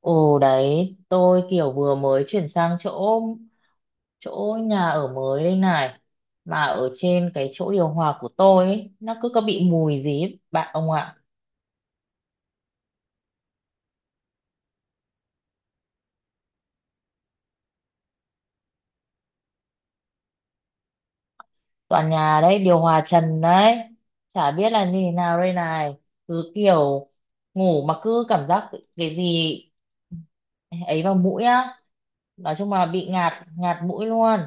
Ồ đấy, tôi kiểu vừa mới chuyển sang chỗ chỗ nhà ở mới đây này, mà ở trên cái chỗ điều hòa của tôi ấy, nó cứ có bị mùi gì ấy, bạn ông ạ. Toàn nhà đấy điều hòa trần đấy, chả biết là như thế nào đây này. Cứ kiểu ngủ mà cứ cảm giác cái gì ấy vào mũi á, nói chung là bị ngạt ngạt mũi luôn.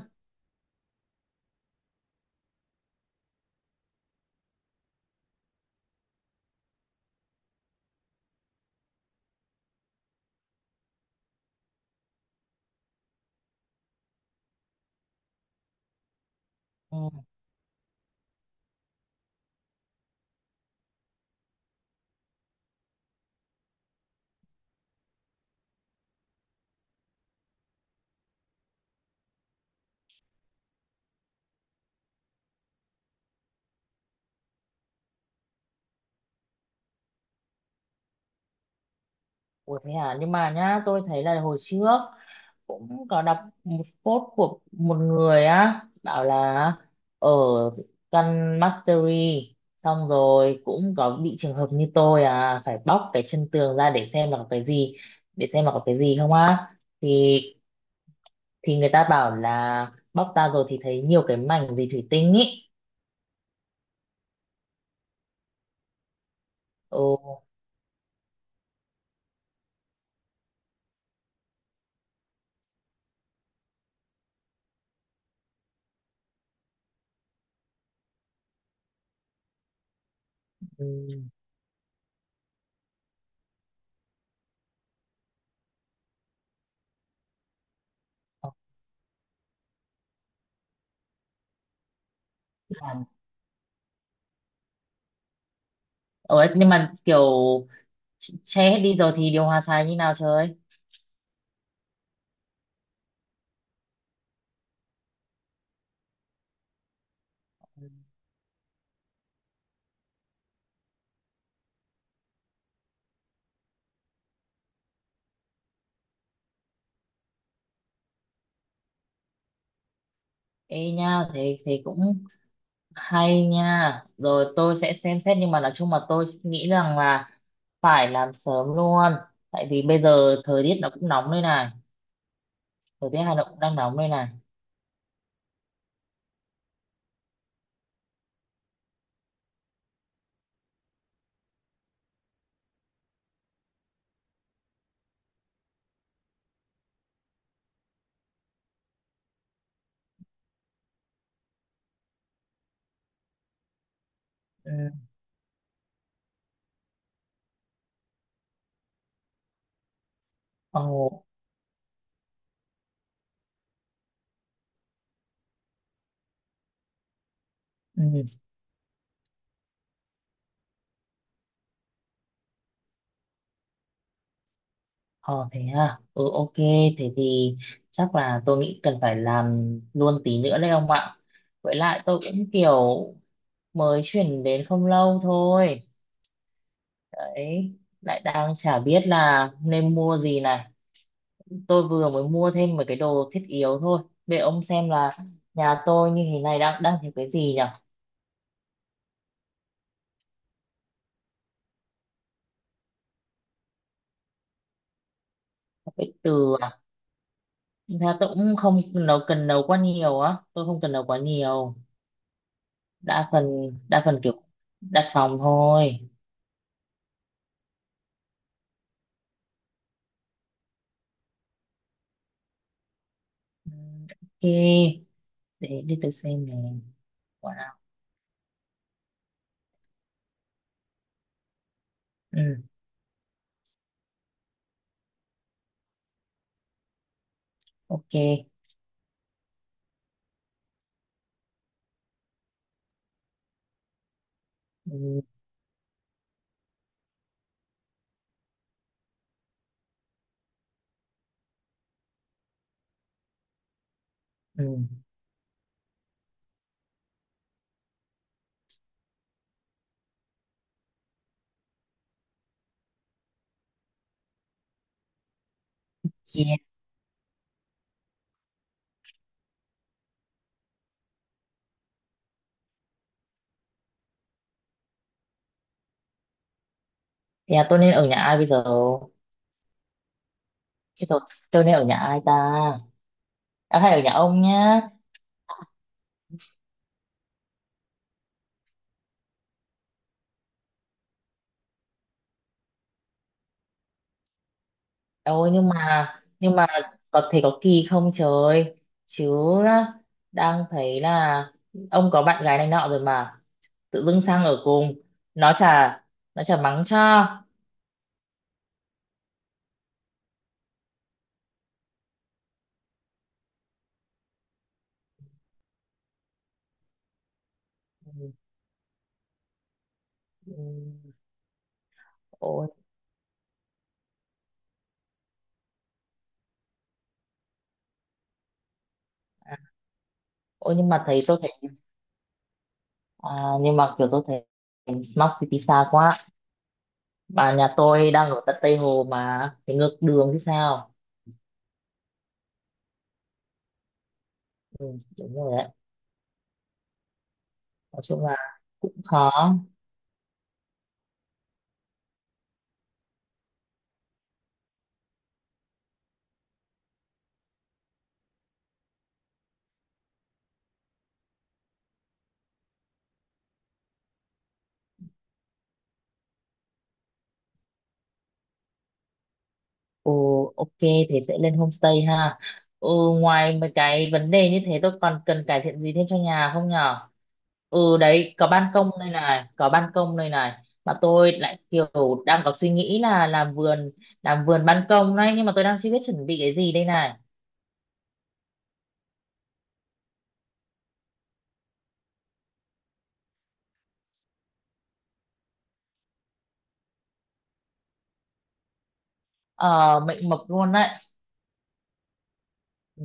Ừ. Ủa, thế à? Nhưng mà nhá, tôi thấy là hồi trước cũng có đọc một post của một người á, bảo là ở căn mastery xong rồi cũng có bị trường hợp như tôi, à, phải bóc cái chân tường ra để xem là có cái gì không á, thì thì người ta bảo là bóc ra rồi thì thấy nhiều cái mảnh gì thủy tinh ý. Ồ. ừm, Khó làm. Ồ, nhưng mà kiểu che hết đi rồi thì điều hòa xài như nào trời. Ê nha, thì cũng hay nha, rồi tôi sẽ xem xét, nhưng mà nói chung mà tôi nghĩ rằng là phải làm sớm luôn, tại vì bây giờ thời tiết nó cũng nóng đây này. Thời tiết Hà Nội cũng đang nóng đây này. Ừ. Ồ, ừ. Ồ, thế à? Ừ, ok, thế thì chắc là tôi nghĩ cần phải làm luôn tí nữa đấy ông ạ, với lại tôi cũng kiểu mới chuyển đến không lâu thôi đấy, lại đang chả biết là nên mua gì này. Tôi vừa mới mua thêm mấy cái đồ thiết yếu thôi để ông xem là nhà tôi như thế này đang đang thiếu cái gì nhỉ. Cái từ à? Thật ra tôi cũng không cần nấu quá nhiều á, tôi không cần nấu quá nhiều. Đa phần kiểu đặt phòng thôi. Ừ, ok, để đi tôi xem này quả nào. Ừ, ok. Ừ, ừ. Yeah. Thì à, tôi nên ở nhà ai bây giờ? Thế tôi nên ở nhà ai ta? À, hay ở nhà ông nhá. Ôi, nhưng mà có thể có kỳ không trời? Chứ đang thấy là ông có bạn gái này nọ rồi mà tự dưng sang ở cùng, nó chả nó chả mắng cho. Ừ, ừ, ôi, à, ôi, nhưng mà thấy tôi thấy à, nhưng mà kiểu tôi thấy Smart City xa quá, bà nhà tôi đang ở tận Tây Hồ mà phải ngược đường chứ sao. Ừ, đúng rồi đấy, nói chung là cũng khó. Ồ, ok, thì sẽ lên homestay ha. Ừ, ngoài mấy cái vấn đề như thế tôi còn cần cải thiện gì thêm cho nhà không nhở? Ừ đấy, có ban công đây này, có ban công đây này. Mà tôi lại kiểu đang có suy nghĩ là làm vườn ban công đấy, nhưng mà tôi đang chưa biết chuẩn bị cái gì đây này. Ờ, mệnh mập luôn đấy. Ừ.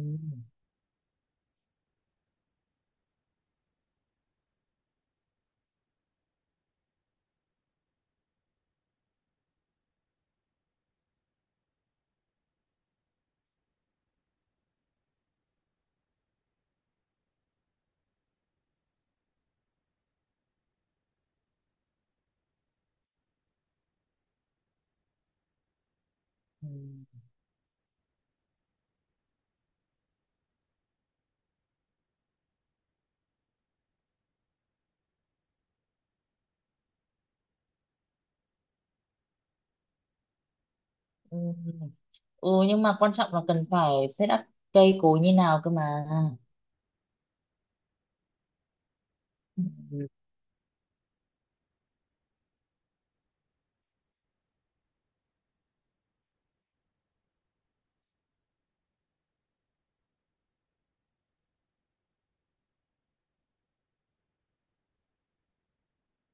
Ừ. Ừ. Ừ, nhưng mà quan trọng là cần phải set up cây cối như nào cơ mà. Ừ. Ừ.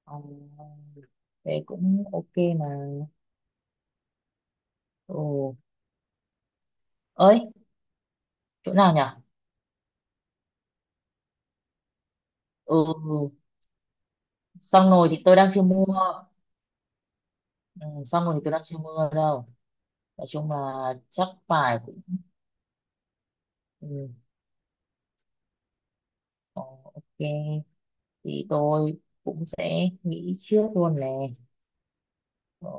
Ờ, thế cũng ok mà. Ồ, ơi, chỗ nào nhỉ? Ừ, ừ. Xong rồi thì tôi đang chưa mua. Ừ, xong rồi thì tôi đang chưa mua đâu. Nói chung là chắc phải cũng ừ, ờ, ok, thì tôi cũng sẽ nghĩ trước luôn nè. Ờ,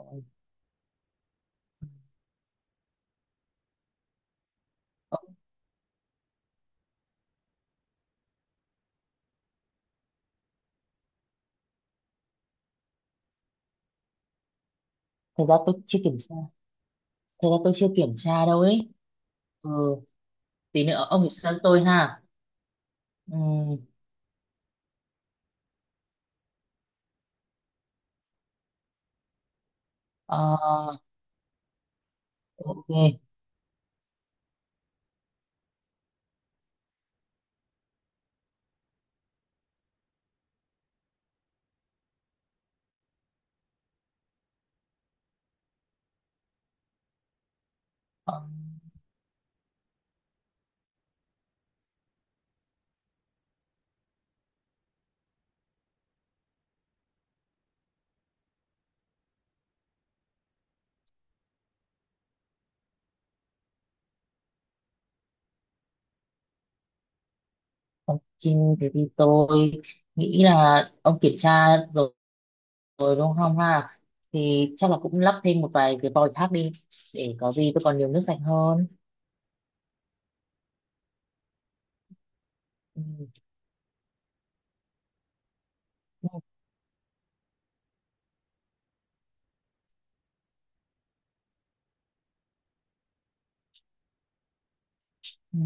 ờ, thật ra tôi chưa kiểm tra. Thật ra tôi chưa kiểm tra đâu ấy. Ừ, tí nữa ông kiểm tra cho tôi ha. Ừ, ờ, ok. Ờ, ok, thế thì tôi nghĩ là ông kiểm tra rồi rồi đúng không ha, thì chắc là cũng lắp thêm một vài cái vòi khác đi để có gì tôi còn nhiều nước sạch hơn. Ừ. Ừ. Ừ.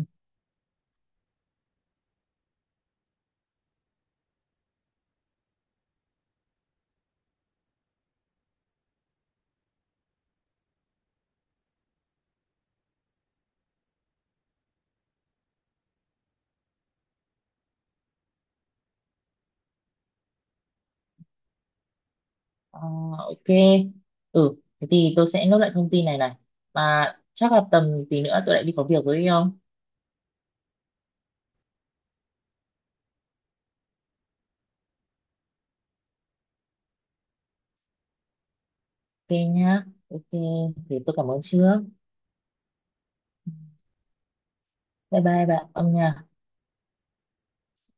Ờ, ok, ừ, thế thì tôi sẽ nốt lại thông tin này này, mà chắc là tầm tí nữa tôi lại đi có việc với ông. Ok nhá, ok, thì tôi cảm ơn trước. Ừ, bye bye bạn ông nha.